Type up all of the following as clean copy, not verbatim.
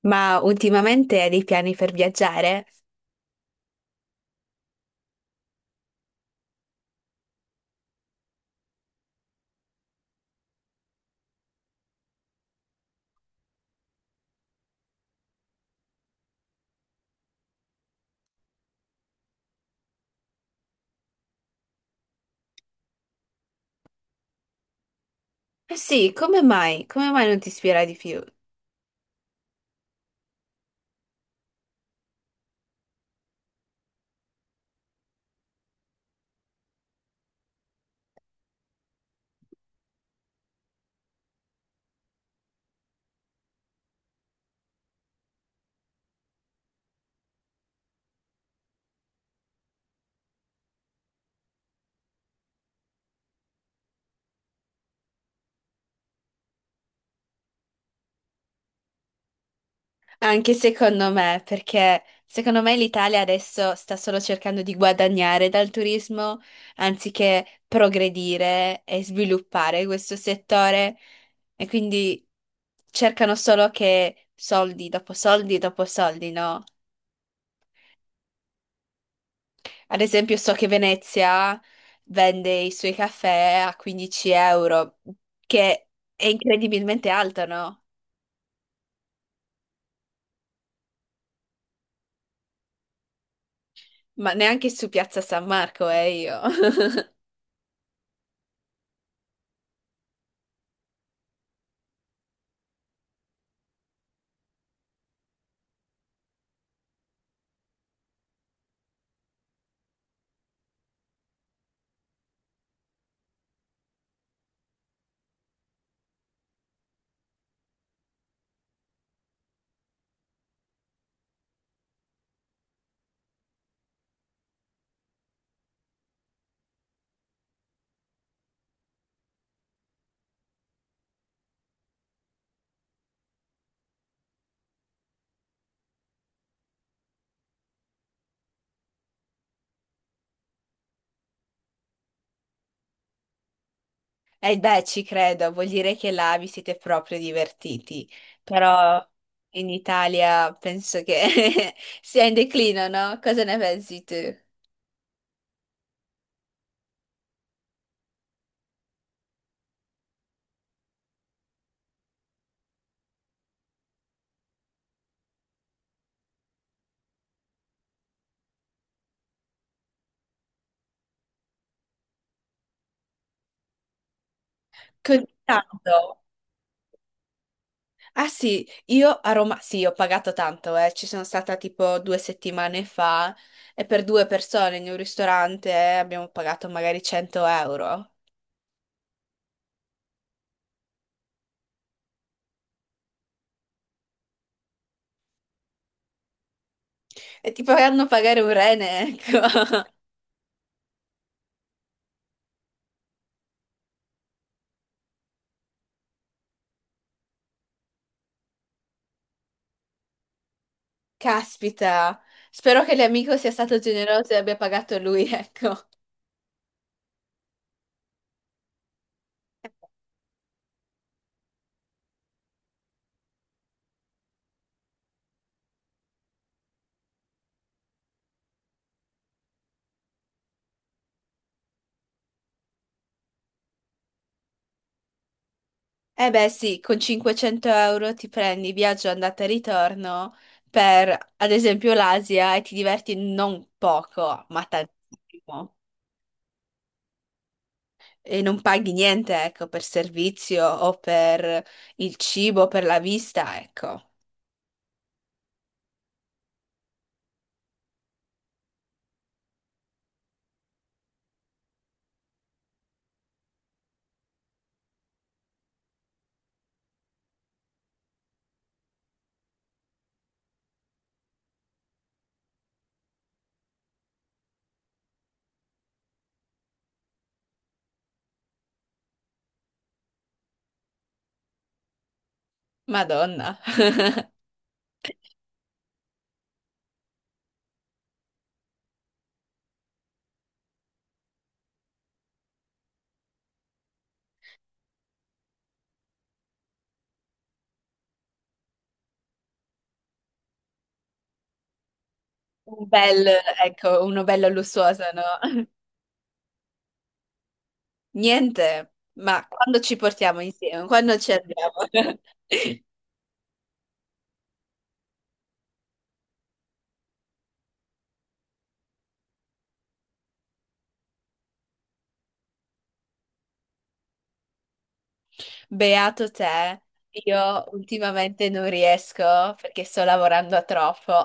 Ma ultimamente hai dei piani per viaggiare? Eh sì, come mai? Come mai non ti ispira di più? Anche secondo me, perché secondo me l'Italia adesso sta solo cercando di guadagnare dal turismo anziché progredire e sviluppare questo settore e quindi cercano solo che soldi dopo soldi dopo soldi, no? Ad esempio, so che Venezia vende i suoi caffè a 15 euro, che è incredibilmente alto, no? Ma neanche su Piazza San Marco è io. E beh, ci credo, vuol dire che là vi siete proprio divertiti. Però in Italia penso che sia in declino, no? Cosa ne pensi tu? Così tanto. Ah sì, io a Roma, sì, ho pagato tanto, eh. Ci sono stata tipo due settimane fa e per due persone in un ristorante abbiamo pagato magari 100 euro. E ti faranno pagare un rene, ecco. Caspita, spero che l'amico sia stato generoso e abbia pagato lui, ecco. Eh beh sì, con 500 euro ti prendi viaggio andata e ritorno per, ad esempio, l'Asia e ti diverti non poco, ma tantissimo. E non paghi niente, ecco, per servizio o per il cibo, per la vista, ecco. Madonna. Un bel, ecco, uno bello lussuoso, no? Niente, ma quando ci portiamo insieme, quando ci andiamo? Beato te, io ultimamente non riesco perché sto lavorando a troppo.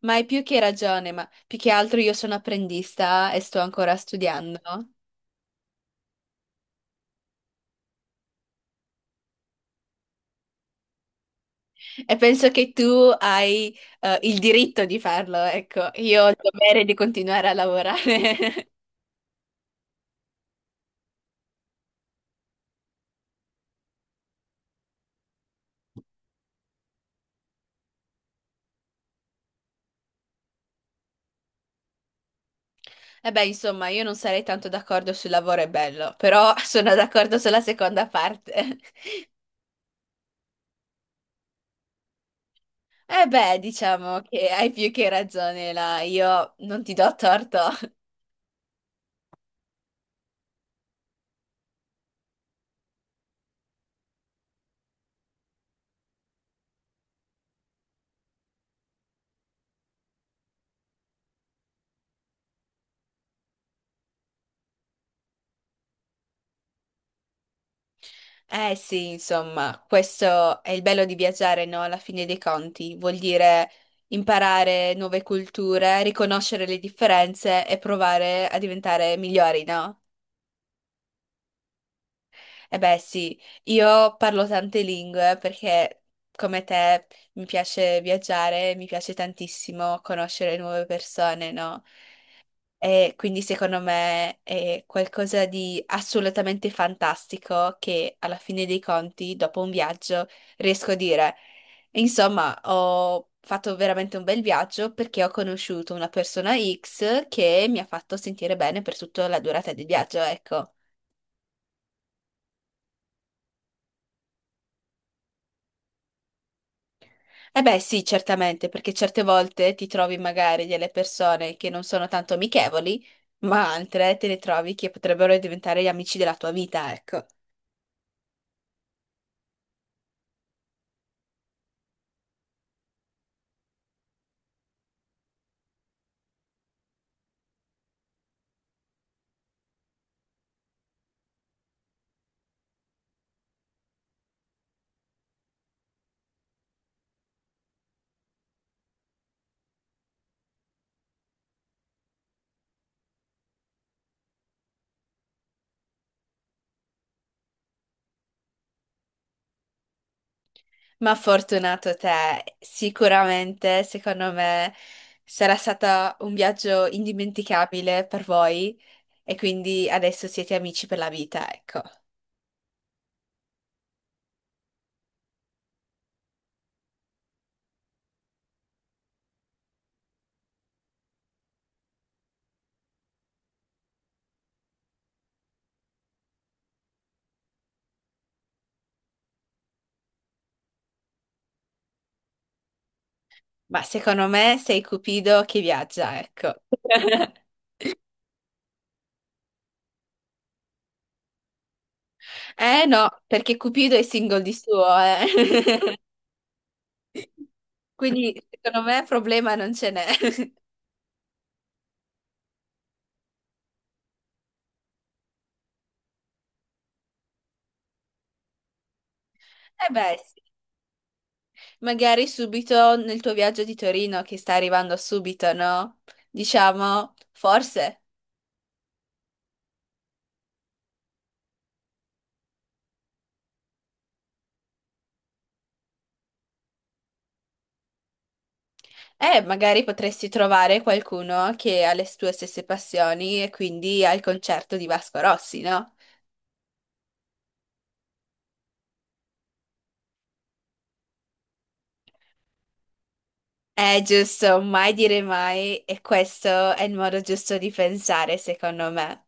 Ma hai più che ragione, ma più che altro io sono apprendista e sto ancora studiando. E penso che tu hai il diritto di farlo, ecco, io ho il dovere di continuare a lavorare. E beh, insomma, io non sarei tanto d'accordo sul lavoro è bello, però sono d'accordo sulla seconda parte. E beh, diciamo che hai più che ragione là, io non ti do torto. Eh sì, insomma, questo è il bello di viaggiare, no? Alla fine dei conti, vuol dire imparare nuove culture, riconoscere le differenze e provare a diventare migliori, no? Eh beh, sì, io parlo tante lingue perché come te mi piace viaggiare, mi piace tantissimo conoscere nuove persone, no? E quindi secondo me è qualcosa di assolutamente fantastico che alla fine dei conti, dopo un viaggio, riesco a dire, insomma, ho fatto veramente un bel viaggio perché ho conosciuto una persona X che mi ha fatto sentire bene per tutta la durata del viaggio, ecco. Eh beh, sì, certamente, perché certe volte ti trovi magari delle persone che non sono tanto amichevoli, ma altre te le trovi che potrebbero diventare gli amici della tua vita, ecco. Ma fortunato te, sicuramente, secondo me, sarà stato un viaggio indimenticabile per voi e quindi adesso siete amici per la vita, ecco. Ma secondo me sei Cupido che viaggia, ecco. Eh no, perché Cupido è single di suo, eh. Quindi secondo me problema non ce n'è. Eh beh, sì. Magari subito nel tuo viaggio di Torino che sta arrivando subito, no? Diciamo, forse. Magari potresti trovare qualcuno che ha le tue stesse passioni e quindi al concerto di Vasco Rossi, no? È giusto, mai dire mai, e questo è il modo giusto di pensare, secondo me.